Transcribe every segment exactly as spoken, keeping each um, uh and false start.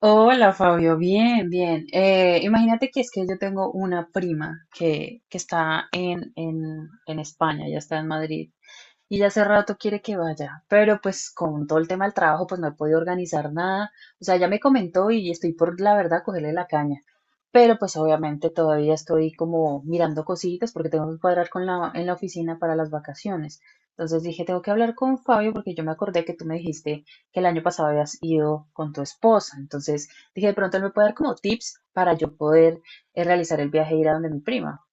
Hola Fabio, bien, bien. Eh, imagínate que es que yo tengo una prima que, que está en, en, en España, ya está en Madrid, y ya hace rato quiere que vaya, pero pues con todo el tema del trabajo pues no he podido organizar nada. O sea, ya me comentó y estoy por la verdad cogerle la caña, pero pues obviamente todavía estoy como mirando cositas porque tengo que cuadrar con la, en la oficina para las vacaciones. Entonces dije, tengo que hablar con Fabio porque yo me acordé que tú me dijiste que el año pasado habías ido con tu esposa. Entonces dije, de pronto él me puede dar como tips para yo poder eh, realizar el viaje e ir a donde mi prima.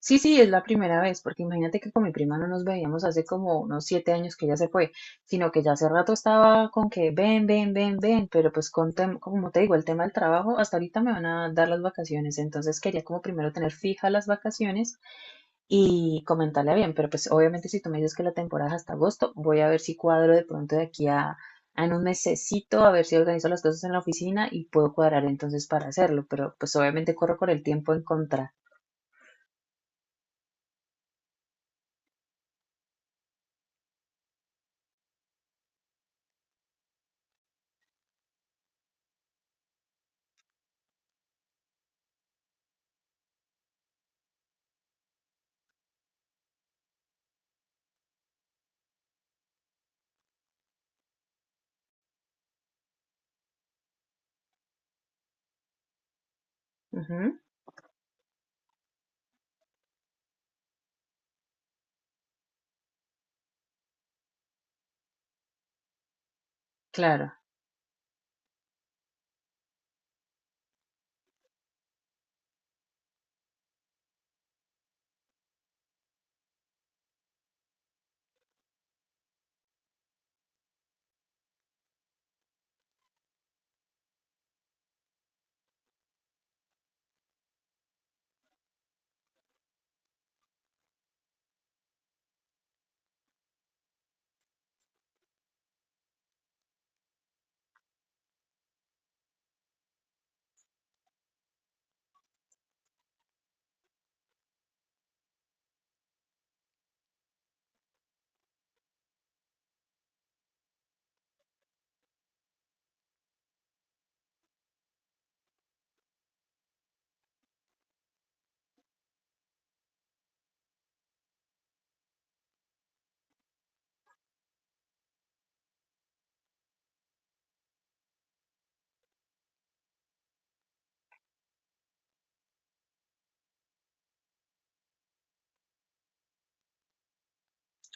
Sí, sí, es la primera vez, porque imagínate que con mi prima no nos veíamos hace como unos siete años que ella se fue, sino que ya hace rato estaba con que ven, ven, ven, ven, pero pues con tem- como te digo, el tema del trabajo, hasta ahorita me van a dar las vacaciones, entonces quería como primero tener fijas las vacaciones y comentarle bien, pero pues obviamente si tú me dices que la temporada es hasta agosto, voy a ver si cuadro de pronto de aquí a, a en un mesecito, a ver si organizo las cosas en la oficina y puedo cuadrar entonces para hacerlo, pero pues obviamente corro con el tiempo en contra. Ujú, claro.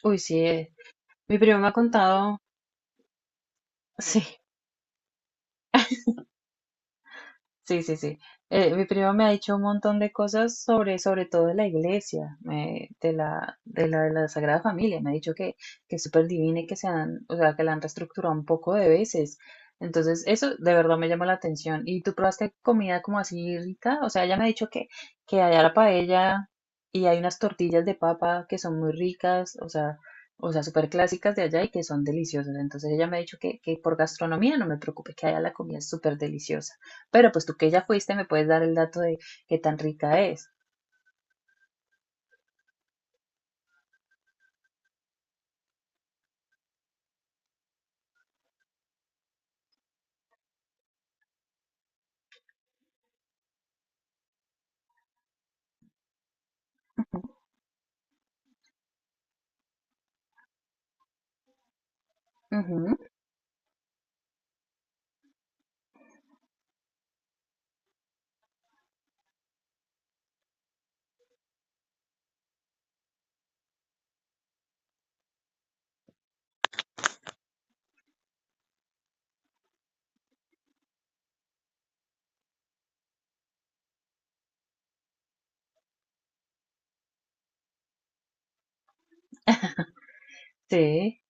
Uy, sí, eh, mi primo me ha contado, sí, sí, sí, sí. Eh, mi primo me ha dicho un montón de cosas sobre, sobre todo de la iglesia, me- de la, de la, de la Sagrada Familia. Me ha dicho que, que es súper divina y que se han, o sea, que la han reestructurado un poco de veces. Entonces, eso de verdad me llamó la atención. ¿Y tú probaste comida como así rica? O sea, ella me ha dicho que, que allá la paella y hay unas tortillas de papa que son muy ricas, o sea, o sea, súper clásicas de allá y que son deliciosas. Entonces, ella me ha dicho que, que por gastronomía no me preocupe, que allá la comida es súper deliciosa. Pero pues tú que ya fuiste me puedes dar el dato de qué tan rica es. Ujú, sí.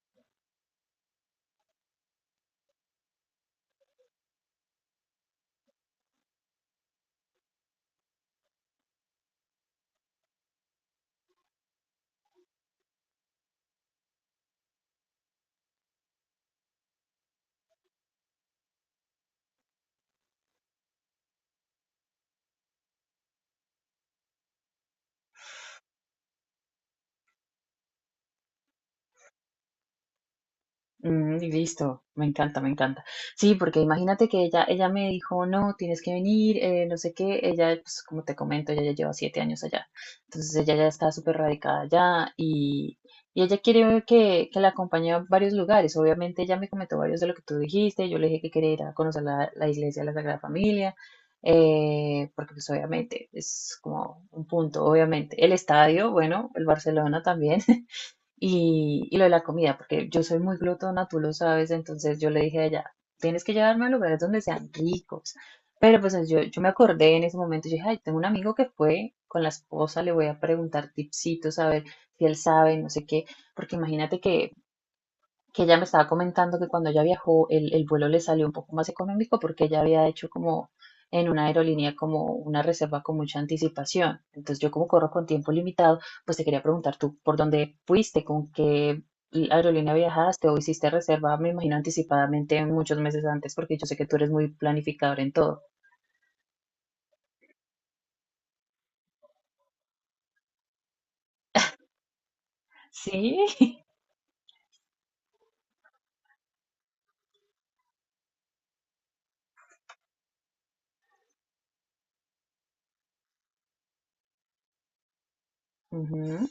Mm, listo, me encanta, me encanta. Sí, porque imagínate que ella, ella me dijo, no, tienes que venir, eh, no sé qué. Ella, pues como te comento, ella ya lleva siete años allá. Entonces ella ya está súper radicada allá y, y ella quiere que, que la acompañe a varios lugares. Obviamente ella me comentó varios de lo que tú dijiste. Yo le dije que quería ir a conocer la, la iglesia de la Sagrada Familia, eh, porque pues obviamente es como un punto, obviamente. El estadio, bueno, el Barcelona también. Y, y lo de la comida, porque yo soy muy glotona, tú lo sabes, entonces yo le dije a ella, tienes que llevarme a lugares donde sean ricos. Pero pues yo, yo me acordé en ese momento, yo dije, ay, tengo un amigo que fue con la esposa, le voy a preguntar tipsitos, a ver si él sabe, no sé qué, porque imagínate que que ella me estaba comentando que cuando ella viajó el, el vuelo le salió un poco más económico porque ella había hecho como en una aerolínea como una reserva con mucha anticipación. Entonces yo como corro con tiempo limitado, pues te quería preguntar tú, ¿por dónde fuiste? ¿Con qué aerolínea viajaste o hiciste reserva? Me imagino anticipadamente muchos meses antes porque yo sé que tú eres muy planificador en todo. Sí. Ujú,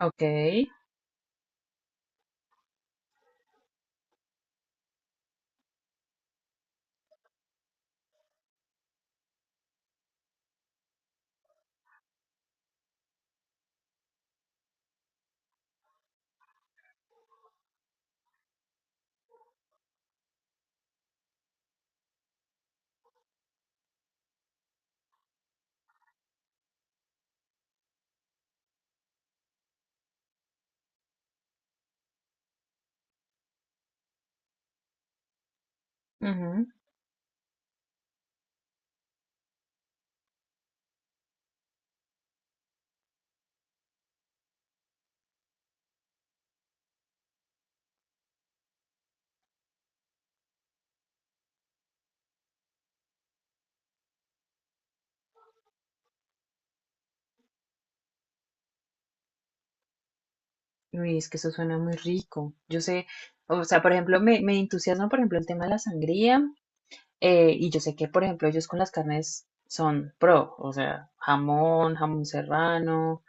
ok, ujú. Uy, es que eso suena muy rico. Yo sé, o sea, por ejemplo, me, me entusiasma, por ejemplo, el tema de la sangría. Eh, y yo sé que, por ejemplo, ellos con las carnes son pro, o sea, jamón, jamón serrano,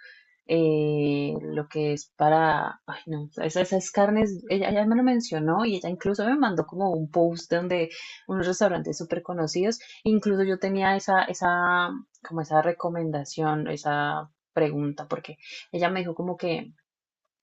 eh, lo que es para, ay no, esas, esas carnes, ella, ella me lo mencionó y ella incluso me mandó como un post donde unos restaurantes súper conocidos, incluso yo tenía esa, esa, como esa recomendación, esa pregunta, porque ella me dijo como que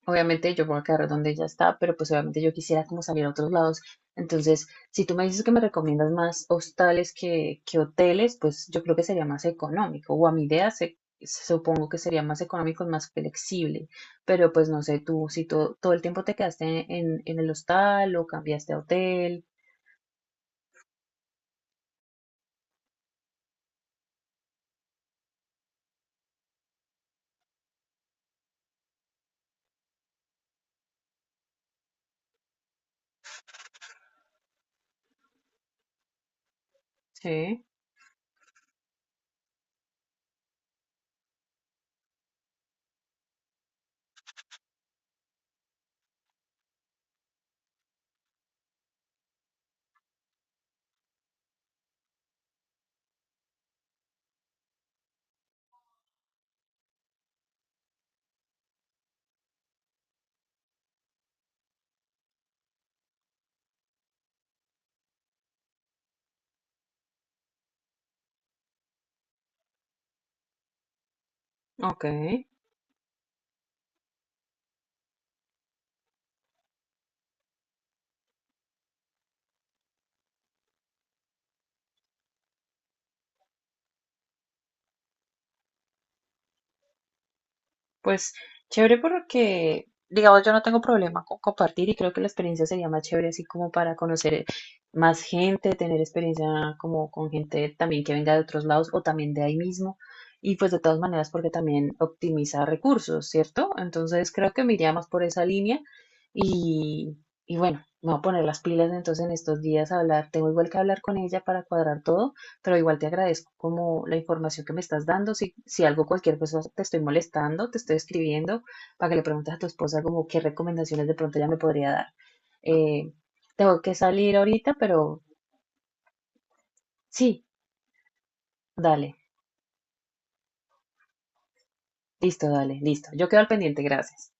obviamente yo voy a quedar donde ya está, pero pues obviamente yo quisiera como salir a otros lados. Entonces, si tú me dices que me recomiendas más hostales que, que hoteles, pues yo creo que sería más económico. O a mi idea se, se- supongo que sería más económico y más flexible. Pero pues no sé tú, si to- todo el tiempo te quedaste en, en el hostal o cambiaste a hotel. Sí, ok. Pues chévere porque, digamos, yo no tengo problema con compartir y creo que la experiencia sería más chévere así como para conocer más gente, tener experiencia como con gente también que venga de otros lados o también de ahí mismo. Y pues de todas maneras porque también optimiza recursos, ¿cierto? Entonces creo que me iría más por esa línea y, y bueno, me voy a poner las pilas entonces en estos días a hablar. Tengo igual que hablar con ella para cuadrar todo. Pero igual te agradezco como la información que me estás dando. Si, si algo, cualquier cosa, te estoy molestando, te estoy escribiendo para que le preguntes a tu esposa como qué recomendaciones de pronto ella me podría dar. Eh, Tengo que salir ahorita, pero sí, dale, listo, dale, listo. Yo quedo al pendiente, gracias.